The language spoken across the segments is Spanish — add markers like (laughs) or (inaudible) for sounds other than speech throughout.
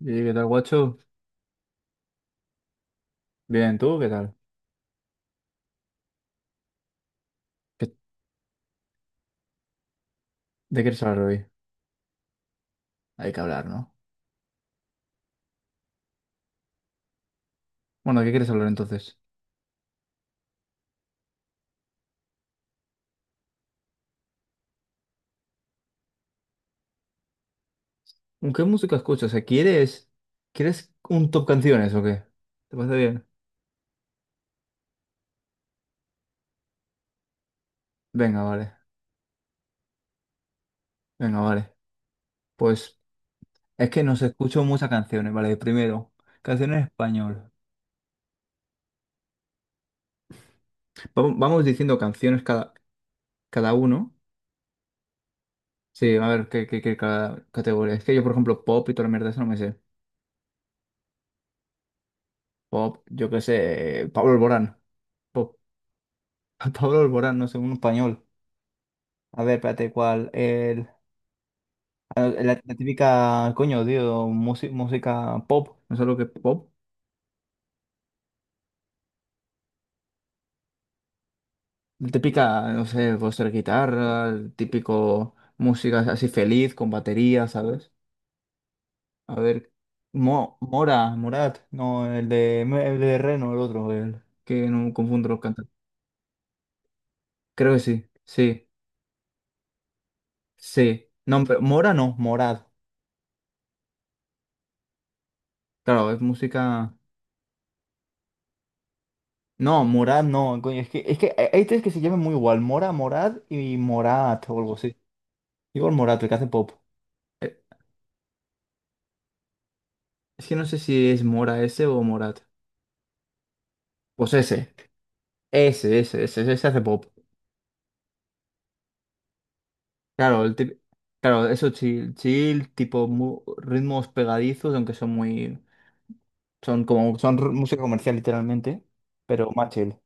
¿Y qué tal, guacho? Bien, ¿tú qué tal? ¿Qué- ¿De qué quieres hablar hoy? Hay que hablar, ¿no? Bueno, ¿de qué quieres hablar entonces? ¿Con qué música escuchas? O sea, ¿quieres un top canciones o qué? ¿Te parece bien? Venga, vale. Venga, vale. Pues es que nos escucho muchas canciones, ¿vale? Primero, canciones en español. Vamos diciendo canciones cada, cada uno. Sí, a ver, ¿qué categoría? Es que yo, por ejemplo, pop y toda la mierda, eso no me sé. Pop, yo qué sé, Pablo Alborán. Pop. (laughs) Pablo Alborán, no sé, un español. A ver, espérate, ¿cuál? Ah, la típica, coño, tío, música pop, no sé lo que es pop. La típica, no sé, puede ser guitarra, el típico música así feliz, con batería, ¿sabes? A ver, Mora, Morat, no, el de Reno, el otro, el, que no confundo los cantantes. Creo que sí, sí, sí. No, pero Mora no, morad. Claro, es música... No, Morad no, coño, es que hay tres que se llaman muy igual, Mora, Morad y Morat o algo así. Igor Morat, el que hace pop. Eh, Es que no sé si es Mora ese o Morat. Pues ese. Ese hace pop. Claro, el tip- claro, eso chill, chill, tipo ritmos pegadizos, aunque son muy. Son como. Son música comercial, literalmente. Pero más chill.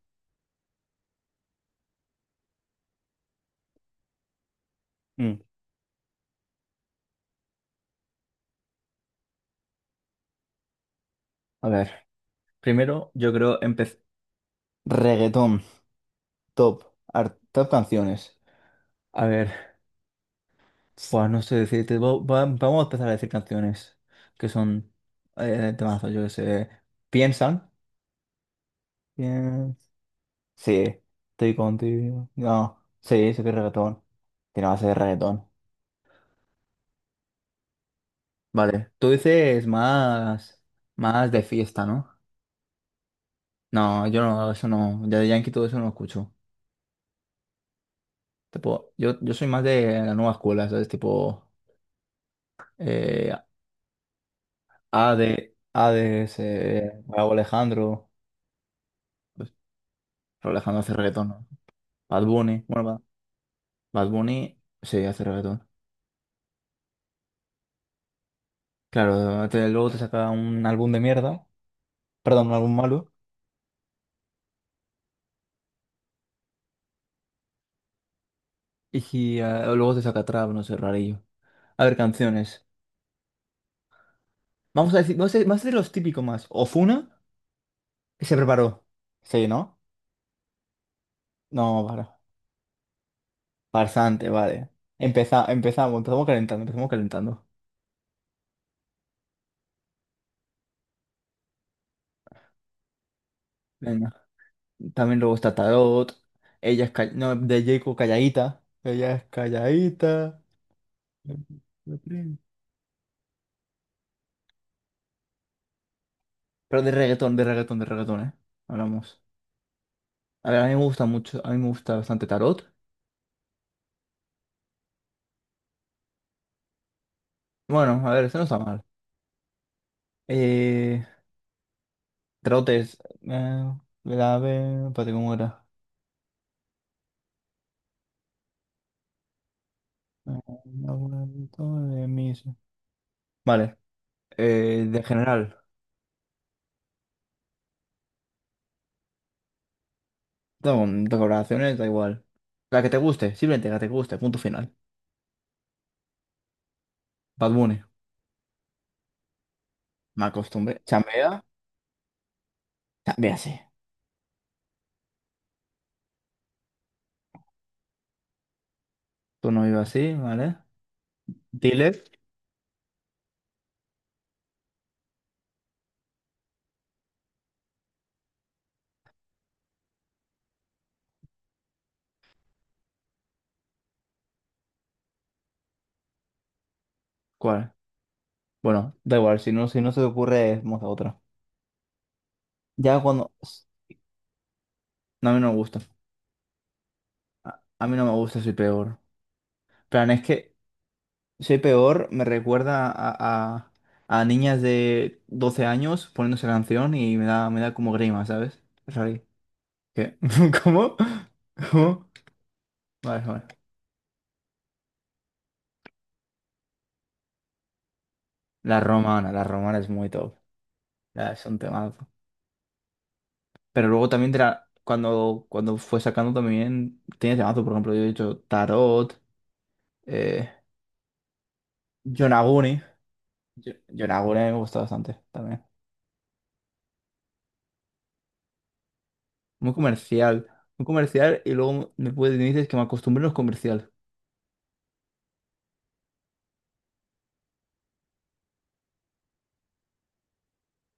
Mm. A ver. Primero, yo creo empezar. Reggaetón. Top. Top canciones. A ver. Pues no sé decirte. Vamos a empezar a decir canciones. Que son. Temazos, yo que sé. Piensan. Bien. Sí, estoy contigo. No, sí, sí que es reggaetón. Tiene base de reggaetón. Vale, tú dices más, más de fiesta, ¿no? No, yo no, eso no, ya de Yankee todo eso no escucho. Tipo, yo soy más de la nueva escuela, ¿sabes? Tipo, eh, Ade, Hades, Rauw Alejandro. Pues, Rauw Alejandro hace reggaetón, ¿no? Bad Bunny, Bad Bunny sí hace reggaetón. Claro, luego te saca un álbum de mierda, perdón, un álbum malo. Y ah, luego te saca trap, no sé, rarillo. A ver, canciones. Vamos a decir, vamos a hacer los típicos más. Ofuna, que se preparó. Sí, ¿no? No, para. Farsante, vale. Empezamos calentando, empezamos calentando. Venga. También luego está Tarot. No, de Jacob calladita. Ella es calladita. Pero de reggaetón, de reggaetón, de reggaetón, ¿eh? Hablamos. A ver, a mí me gusta mucho, a mí me gusta bastante Tarot. Bueno, a ver, eso no está mal. Eh, Trotes. Eh, grave. Espérate, ¿cómo era? Eh, aumento de mis- Vale. De general. No, de colaboraciones da igual. La que te guste, simplemente la que te guste, punto final. Bad Bunny. Me acostumbré. Chambea. Chambea así. Tú no vives así, ¿vale? Dile. ¿Cuál? Bueno, da igual, si no se te ocurre, vamos a otra. Ya cuando. No, a mí no me gusta. A, a mí no me gusta, soy peor. Plan, es que soy peor, me recuerda a- a niñas de 12 años poniendo esa canción y me da como grima, ¿sabes? Es ahí. ¿Qué? (laughs) ¿Cómo? ¿Cómo? Vale, vale. La romana es muy top. Ya, es un temazo. Pero luego también cuando, cuando fue sacando también tiene temazo, por ejemplo, yo he dicho Tarot, eh, Yonaguni. Yonaguni me gusta bastante también. Muy comercial. Muy comercial y luego me, puedes, me dices que me acostumbré a los comercial.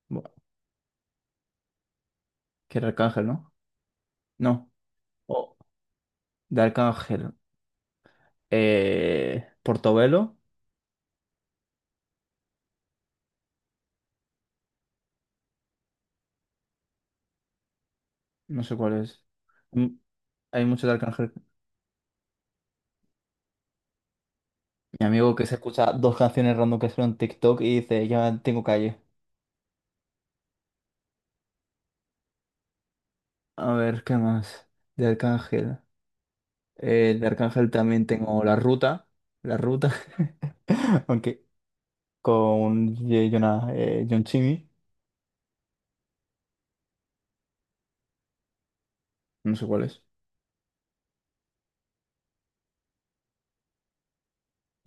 Buah, que era Arcángel, ¿no? No. O- De Arcángel. Portobelo. No sé cuál es. Mm, Hay mucho de Arcángel. Mi amigo que se escucha dos canciones random que son en TikTok y dice, ya tengo calle. A ver, ¿qué más? De Arcángel. De Arcángel también tengo La Ruta. La Ruta. (laughs) Aunque con Jonah, John Chimmy. No sé cuál es.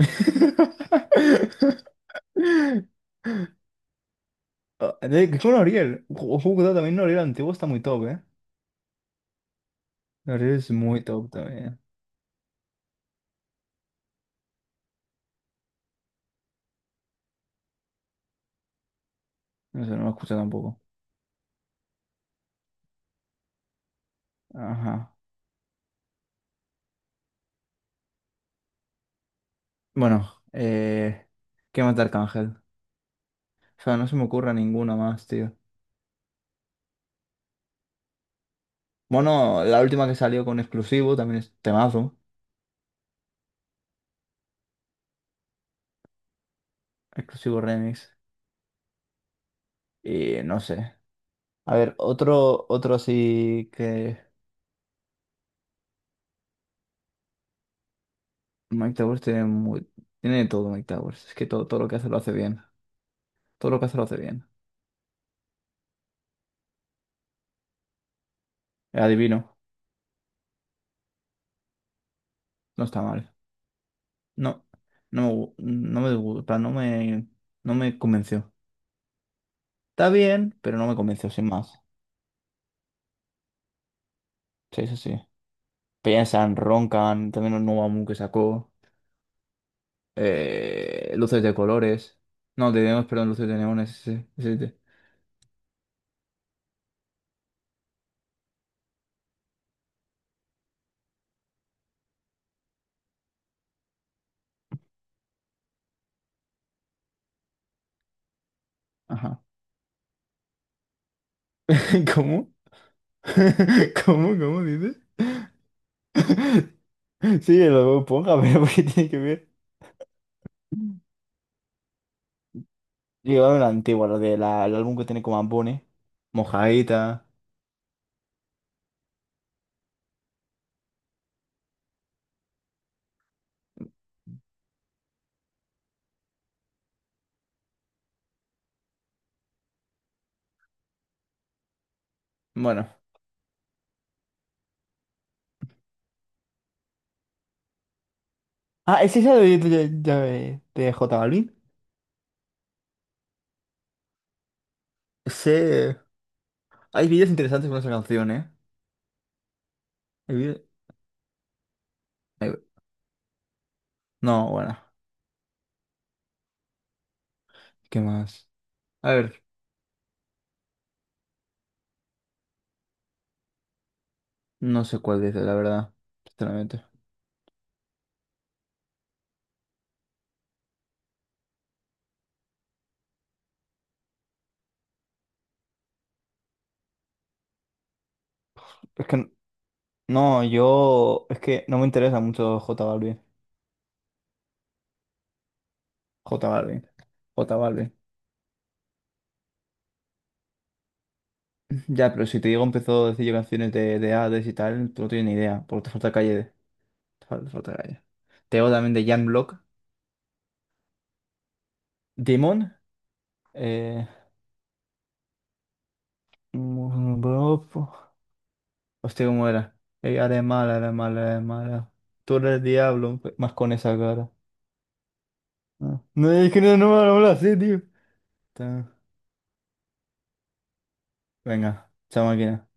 (laughs) Ah, con Oriel. Ojo, cuidado, también Oriel antiguo está muy top, ¿eh? Oriel es muy top también. No sé, no me escucha tampoco. Ajá. Bueno, ¿qué más de Arcángel? O sea, no se me ocurre ninguna más, tío. Bueno, la última que salió con exclusivo también es temazo. Exclusivo remix. Y no sé. A ver, otro, otro así que. Mike Towers tiene muy. Tiene de todo Mike Towers. Es que todo, todo lo que hace lo hace bien. Todo lo que hace lo hace bien. El adivino. No está mal. No. No me gusta, no me convenció. Está bien, pero no me convenció, sin más. Sí, sí, sí. Piensan, roncan, también un nuevo álbum que sacó, luces de colores, no, de neones, perdón, luces de neones, sí, sí, sí. Ajá. (laughs) ¿Cómo? (laughs) ¿Cómo? ¿Cómo dices? (laughs) Sí, lo ponga, (laughs) pero ¿por qué tiene que ver? Llegaba una antigua, lo del álbum que tiene como Ambone, Mojadita, bueno. Ah, ¿es esa de J Balvin? Sí. Hay vídeos interesantes con esa canción, ¿eh? Hay vídeos- hay- No, bueno, ¿qué más? A ver. No sé cuál dice, la verdad, sinceramente. Es que no, yo. Es que no me interesa mucho J Balvin. J Balvin. J Balvin. (laughs) Ya, pero si te digo, empezó a decir yo canciones de Hades y tal, tú no tienes ni idea, porque te falta calle. Te falta, calle. Te digo también de Jan Block. Demon. Eh. (laughs) Bro, hostia, ¿cómo era? Eres mala, eres mala, eres mala. Tú eres el diablo, pues, más con esa cara. Ah. No, es que no, no me lo sé, tío. Ta- Venga, chao máquina.